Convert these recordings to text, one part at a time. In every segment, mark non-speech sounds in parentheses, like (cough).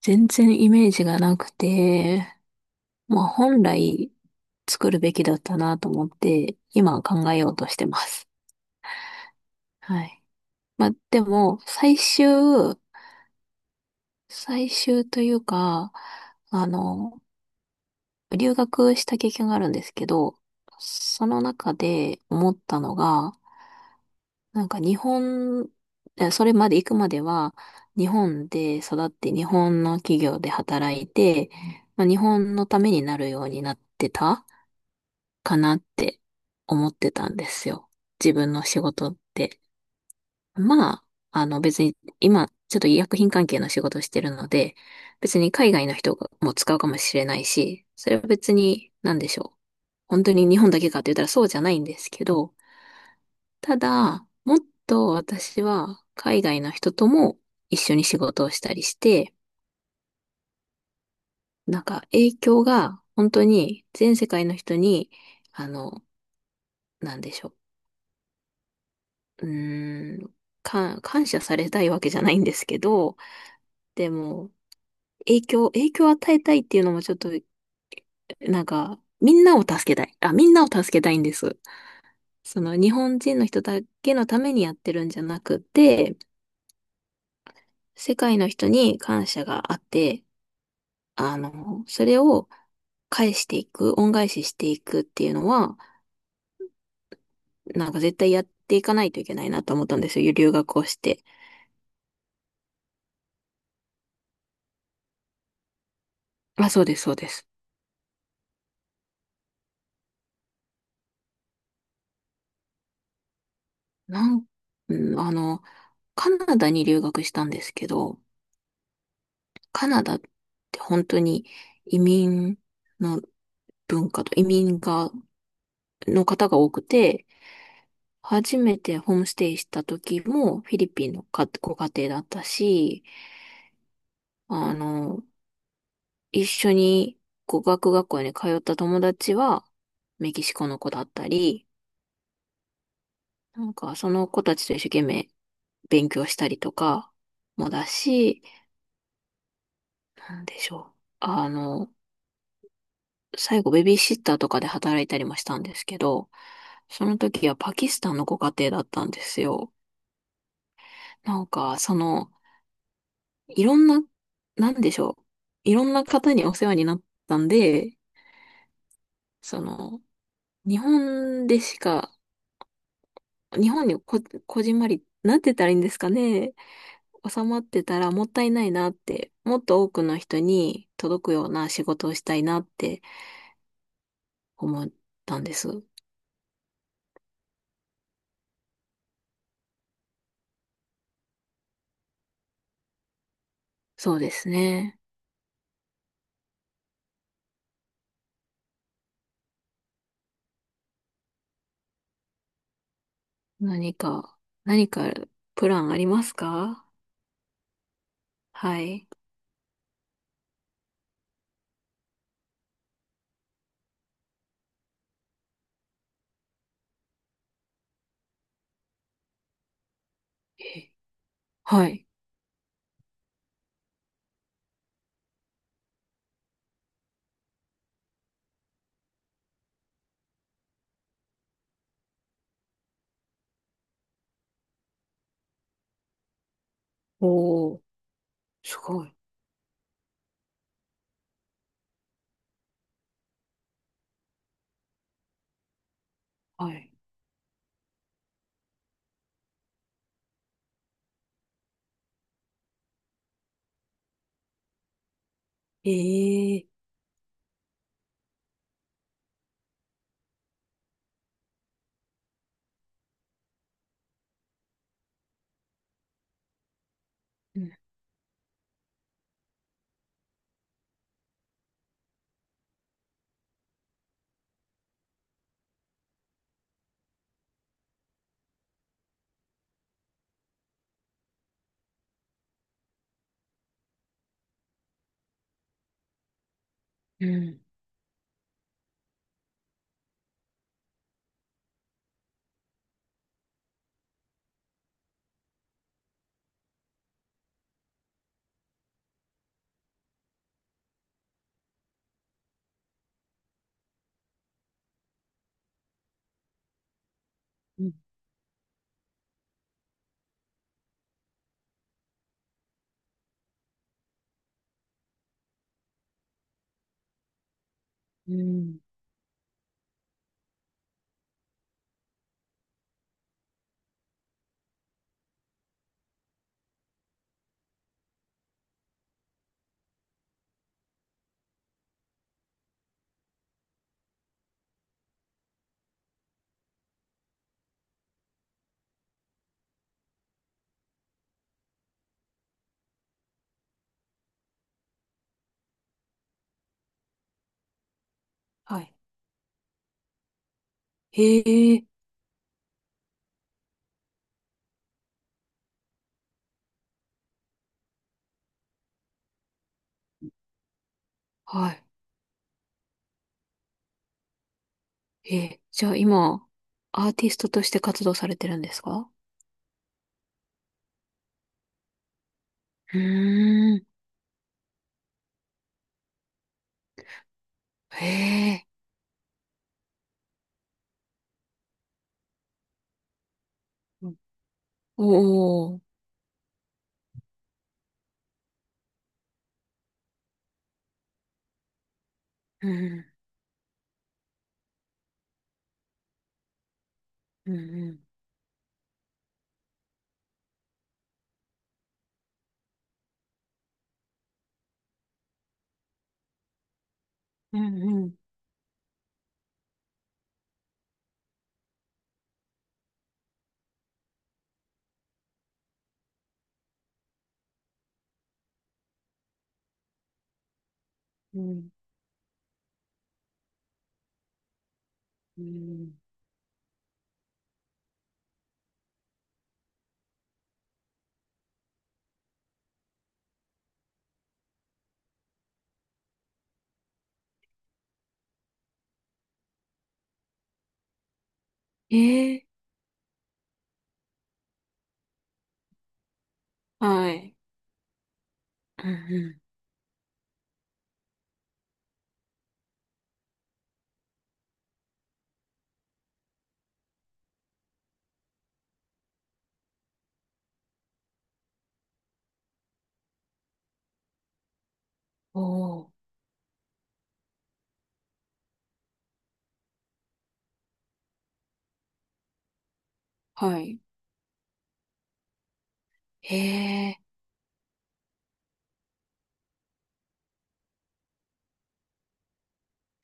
全然イメージがなくて、まあ本来作るべきだったなと思って、今考えようとしてます。はい。まあでも、最終、最終というか、あの、留学した経験があるんですけど、その中で思ったのが、なんか日本、それまで行くまでは、日本で育って日本の企業で働いて、まあ、日本のためになるようになってた。かなって思ってたんですよ。自分の仕事って。まあ、別に今ちょっと医薬品関係の仕事をしてるので、別に海外の人がもう使うかもしれないし、それは別に何でしょう。本当に日本だけかって言ったらそうじゃないんですけど、ただ、もっと私は海外の人とも一緒に仕事をしたりして、なんか影響が本当に全世界の人に、あの、なんでしょう。うーん、感謝されたいわけじゃないんですけど、でも、影響を与えたいっていうのもちょっと、なんか、みんなを助けたい。あ、みんなを助けたいんです。日本人の人だけのためにやってるんじゃなくて、世界の人に感謝があって、それを返していく、恩返ししていくっていうのは、なんか絶対やっていかないといけないなと思ったんですよ。留学をして。あ、そうです、そうです。なん、うん、カナダに留学したんですけど、カナダって本当に移民の文化と移民が、の方が多くて、初めてホームステイした時もフィリピンのかご家庭だったし、あの、一緒に語学学校に通った友達はメキシコの子だったり、なんかその子たちと一生懸命勉強したりとかもだし、なんでしょう。あの、最後ベビーシッターとかで働いたりもしたんですけど、その時はパキスタンのご家庭だったんですよ。なんか、いろんな、なんでしょう。いろんな方にお世話になったんで、その、日本でしか、日本にこ、こじんまり、なんて言ったらいいんですかね。収まってたらもったいないなって、もっと多くの人に届くような仕事をしたいなって思ったんです。そうですね。何か、何かプランありますか？はい。えはい。おー、すごい。はい。ええー。うんうんうんうん。はい。ええ。はい。じゃあ今、アーティストとして活動されてるんですか？うーん。へえ。うん。おー。うん。うん。うん。うん。うん。ええー。はい。うんうん。おー。はい。へえ。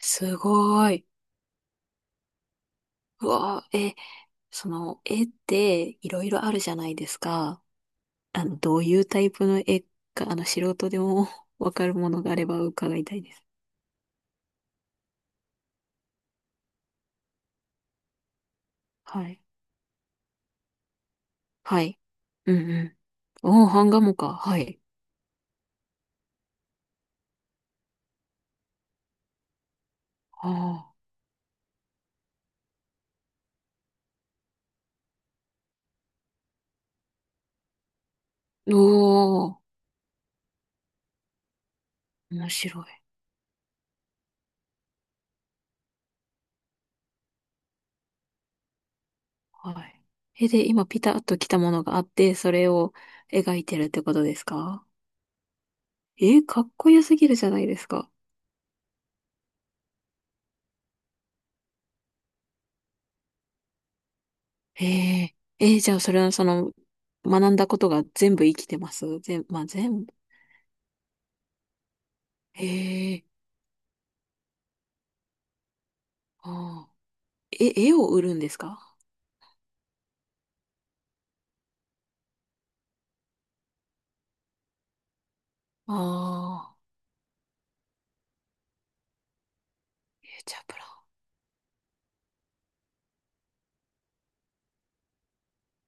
すごい。うわー、絵っていろいろあるじゃないですか。どういうタイプの絵か、素人でも (laughs) わかるものがあれば伺いたいです。はい。はい。うんうん。おー、版画もか。はい。ああ。おー、面白い。はい。え、で、今ピタッと来たものがあって、それを描いてるってことですか？え、かっこよすぎるじゃないですか。へえ。じゃあそれは学んだことが全部生きてますまあ全部。へえ。ああ。え、絵を売るんですか？ああー。チャプラ。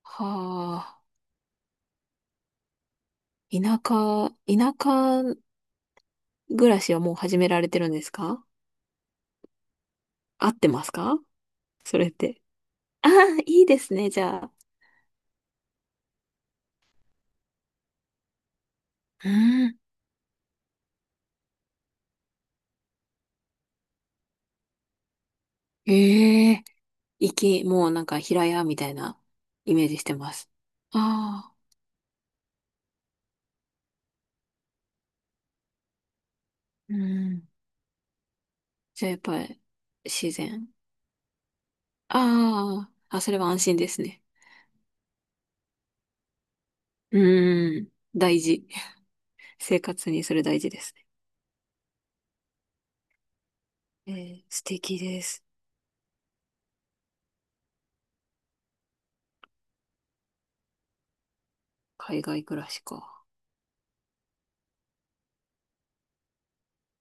はあ。田舎暮らしはもう始められてるんですか？合ってますか？それって。ああ、いいですね、じゃあ。うん。ええ。もうなんか平屋みたいなイメージしてます。ああ。うん。じゃあやっぱり自然。ああ、あ、それは安心ですね。うーん、大事。(laughs) 生活にそれ大事ですね。え素敵です。海外暮らしか。